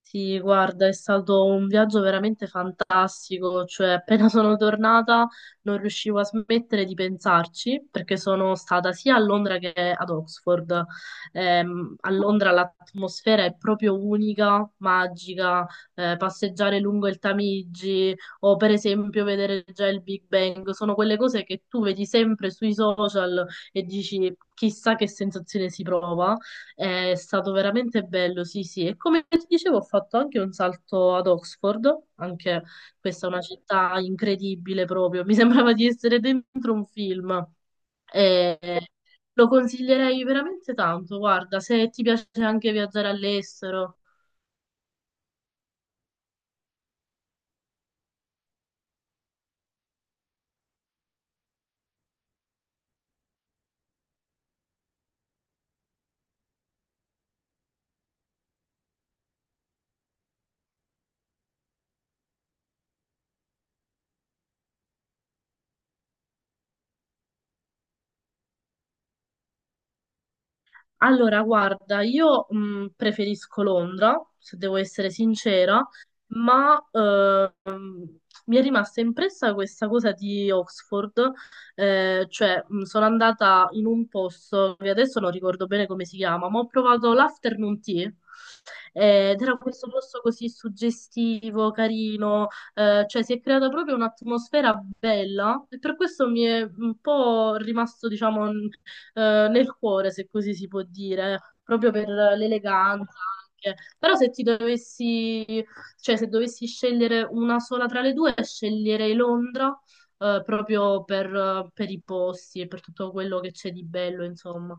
Sì, guarda, è stato un viaggio veramente fantastico, cioè appena sono tornata non riuscivo a smettere di pensarci perché sono stata sia a Londra che ad Oxford. A Londra l'atmosfera è proprio unica, magica, passeggiare lungo il Tamigi o per esempio vedere già il Big Bang, sono quelle cose che tu vedi sempre sui social e dici chissà che sensazione si prova. È stato veramente bello, sì, sì. E come ti dicevo, ho fatto anche un salto ad Oxford, anche questa è una città incredibile proprio. Mi sembrava di essere dentro un film. E lo consiglierei veramente tanto. Guarda, se ti piace anche viaggiare all'estero. Allora, guarda, io preferisco Londra, se devo essere sincera, ma mi è rimasta impressa questa cosa di Oxford, cioè sono andata in un posto che adesso non ricordo bene come si chiama, ma ho provato l'afternoon tea. Ed era questo posto così suggestivo, carino, cioè si è creata proprio un'atmosfera bella e per questo mi è un po' rimasto, diciamo, nel cuore, se così si può dire, proprio per l'eleganza anche. Però se ti dovessi, cioè se dovessi scegliere una sola tra le due, sceglierei Londra, proprio per i posti e per tutto quello che c'è di bello, insomma.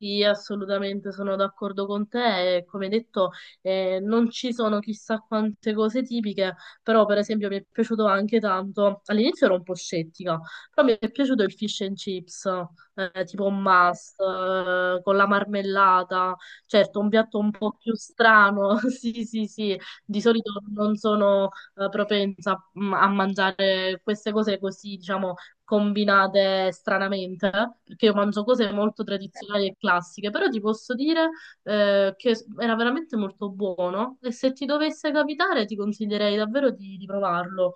Sì, assolutamente sono d'accordo con te. Come detto, non ci sono chissà quante cose tipiche, però per esempio mi è piaciuto anche tanto. All'inizio ero un po' scettica, però mi è piaciuto il fish and chips, tipo un must, con la marmellata. Certo, un piatto un po' più strano. Sì, sì, sì. Di solito non sono propensa a mangiare queste cose così, diciamo combinate stranamente, perché io mangio cose molto tradizionali e classiche, però ti posso dire che era veramente molto buono e se ti dovesse capitare ti consiglierei davvero di provarlo.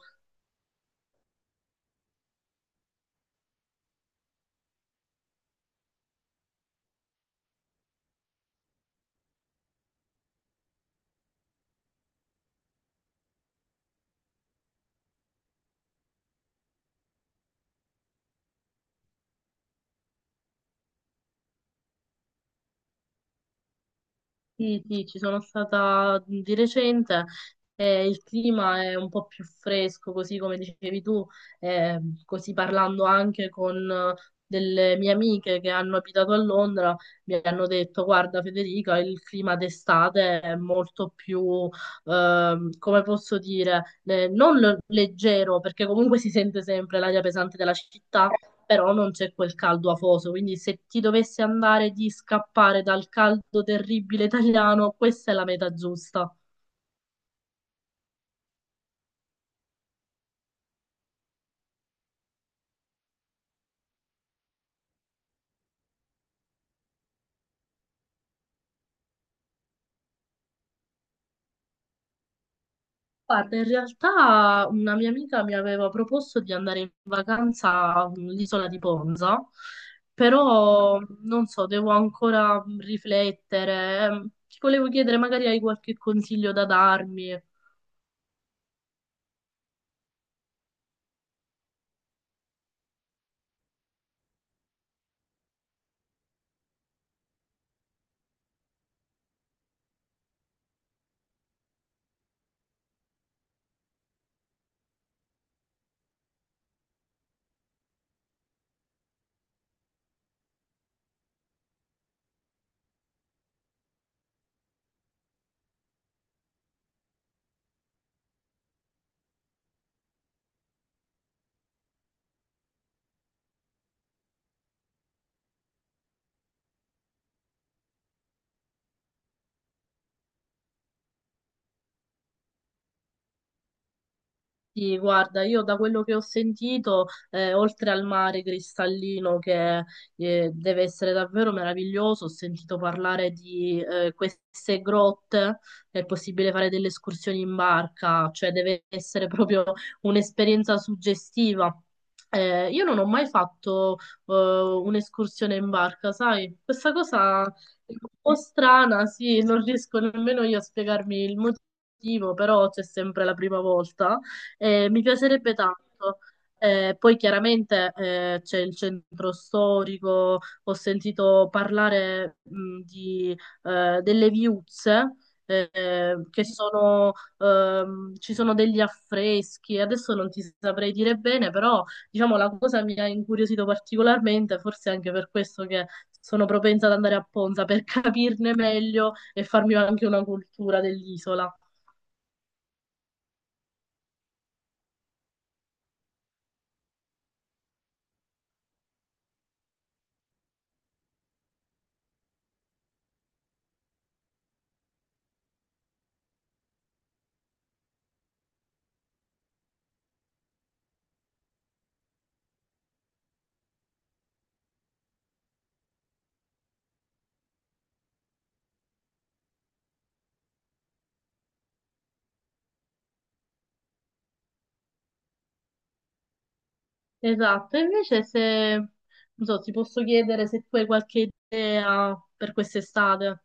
Sì, sì, ci sono stata di recente e il clima è un po' più fresco, così come dicevi tu, così parlando anche con delle mie amiche che hanno abitato a Londra, mi hanno detto, guarda Federica, il clima d'estate è molto più, come posso dire, non leggero, perché comunque si sente sempre l'aria pesante della città, però non c'è quel caldo afoso, quindi se ti dovessi andare di scappare dal caldo terribile italiano, questa è la meta giusta. Guarda, in realtà una mia amica mi aveva proposto di andare in vacanza all'isola di Ponza, però non so, devo ancora riflettere. Ti volevo chiedere, magari hai qualche consiglio da darmi? Sì, guarda, io da quello che ho sentito, oltre al mare cristallino che deve essere davvero meraviglioso, ho sentito parlare di queste grotte, è possibile fare delle escursioni in barca, cioè deve essere proprio un'esperienza suggestiva. Io non ho mai fatto un'escursione in barca, sai? Questa cosa è un po' strana, sì, non riesco nemmeno io a spiegarmi il motivo, però c'è sempre la prima volta. Mi piacerebbe tanto. Poi chiaramente c'è il centro storico, ho sentito parlare delle viuzze, eh, che sono, ci sono degli affreschi, adesso non ti saprei dire bene, però diciamo la cosa mi ha incuriosito particolarmente, forse anche per questo che sono propensa ad andare a Ponza per capirne meglio e farmi anche una cultura dell'isola. Esatto, invece se, non so, ti posso chiedere se tu hai qualche idea per quest'estate?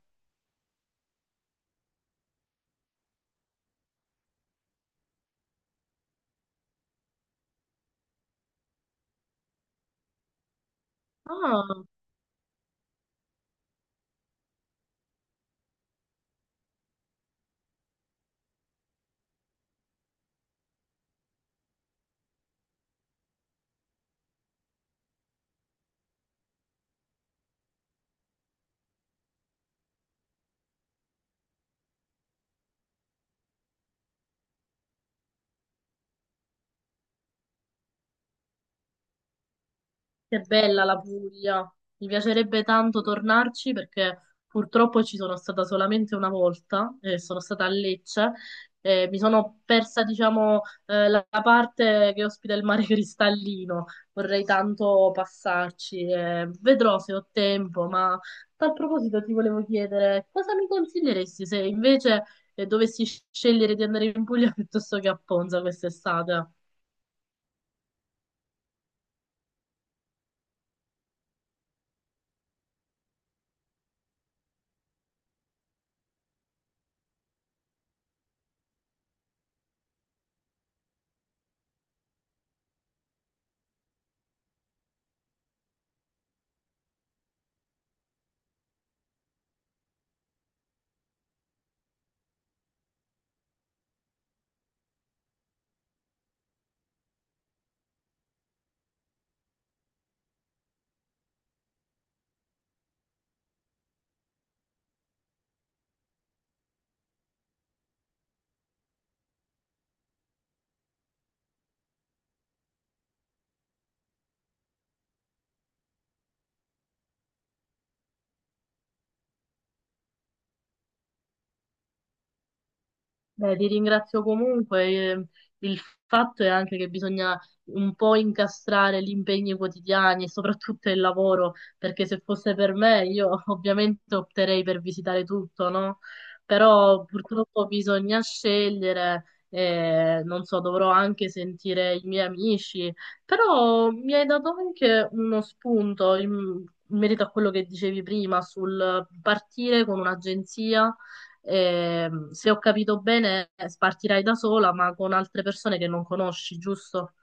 Ah, che bella la Puglia. Mi piacerebbe tanto tornarci perché purtroppo ci sono stata solamente una volta, sono stata a Lecce. Mi sono persa, diciamo, la parte che ospita il mare cristallino. Vorrei tanto passarci. Vedrò se ho tempo, ma a tal proposito ti volevo chiedere cosa mi consiglieresti se invece dovessi scegliere di andare in Puglia piuttosto che a Ponza quest'estate? Beh, ti ringrazio comunque. Il fatto è anche che bisogna un po' incastrare gli impegni quotidiani e soprattutto il lavoro, perché se fosse per me io ovviamente opterei per visitare tutto, no? Però purtroppo bisogna scegliere, non so, dovrò anche sentire i miei amici, però mi hai dato anche uno spunto in merito a quello che dicevi prima sul partire con un'agenzia. Se ho capito bene, partirai da sola, ma con altre persone che non conosci, giusto?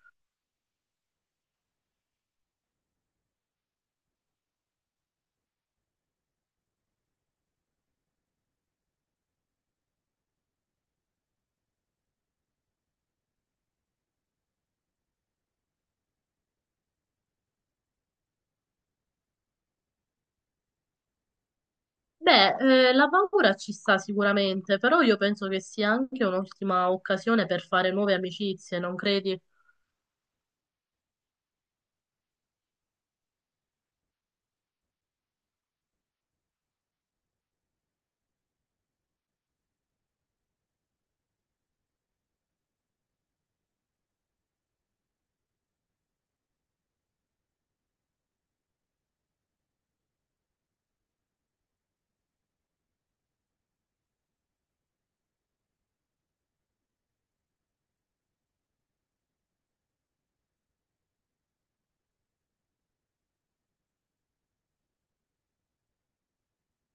Beh, la paura ci sta sicuramente, però io penso che sia anche un'ottima occasione per fare nuove amicizie, non credi?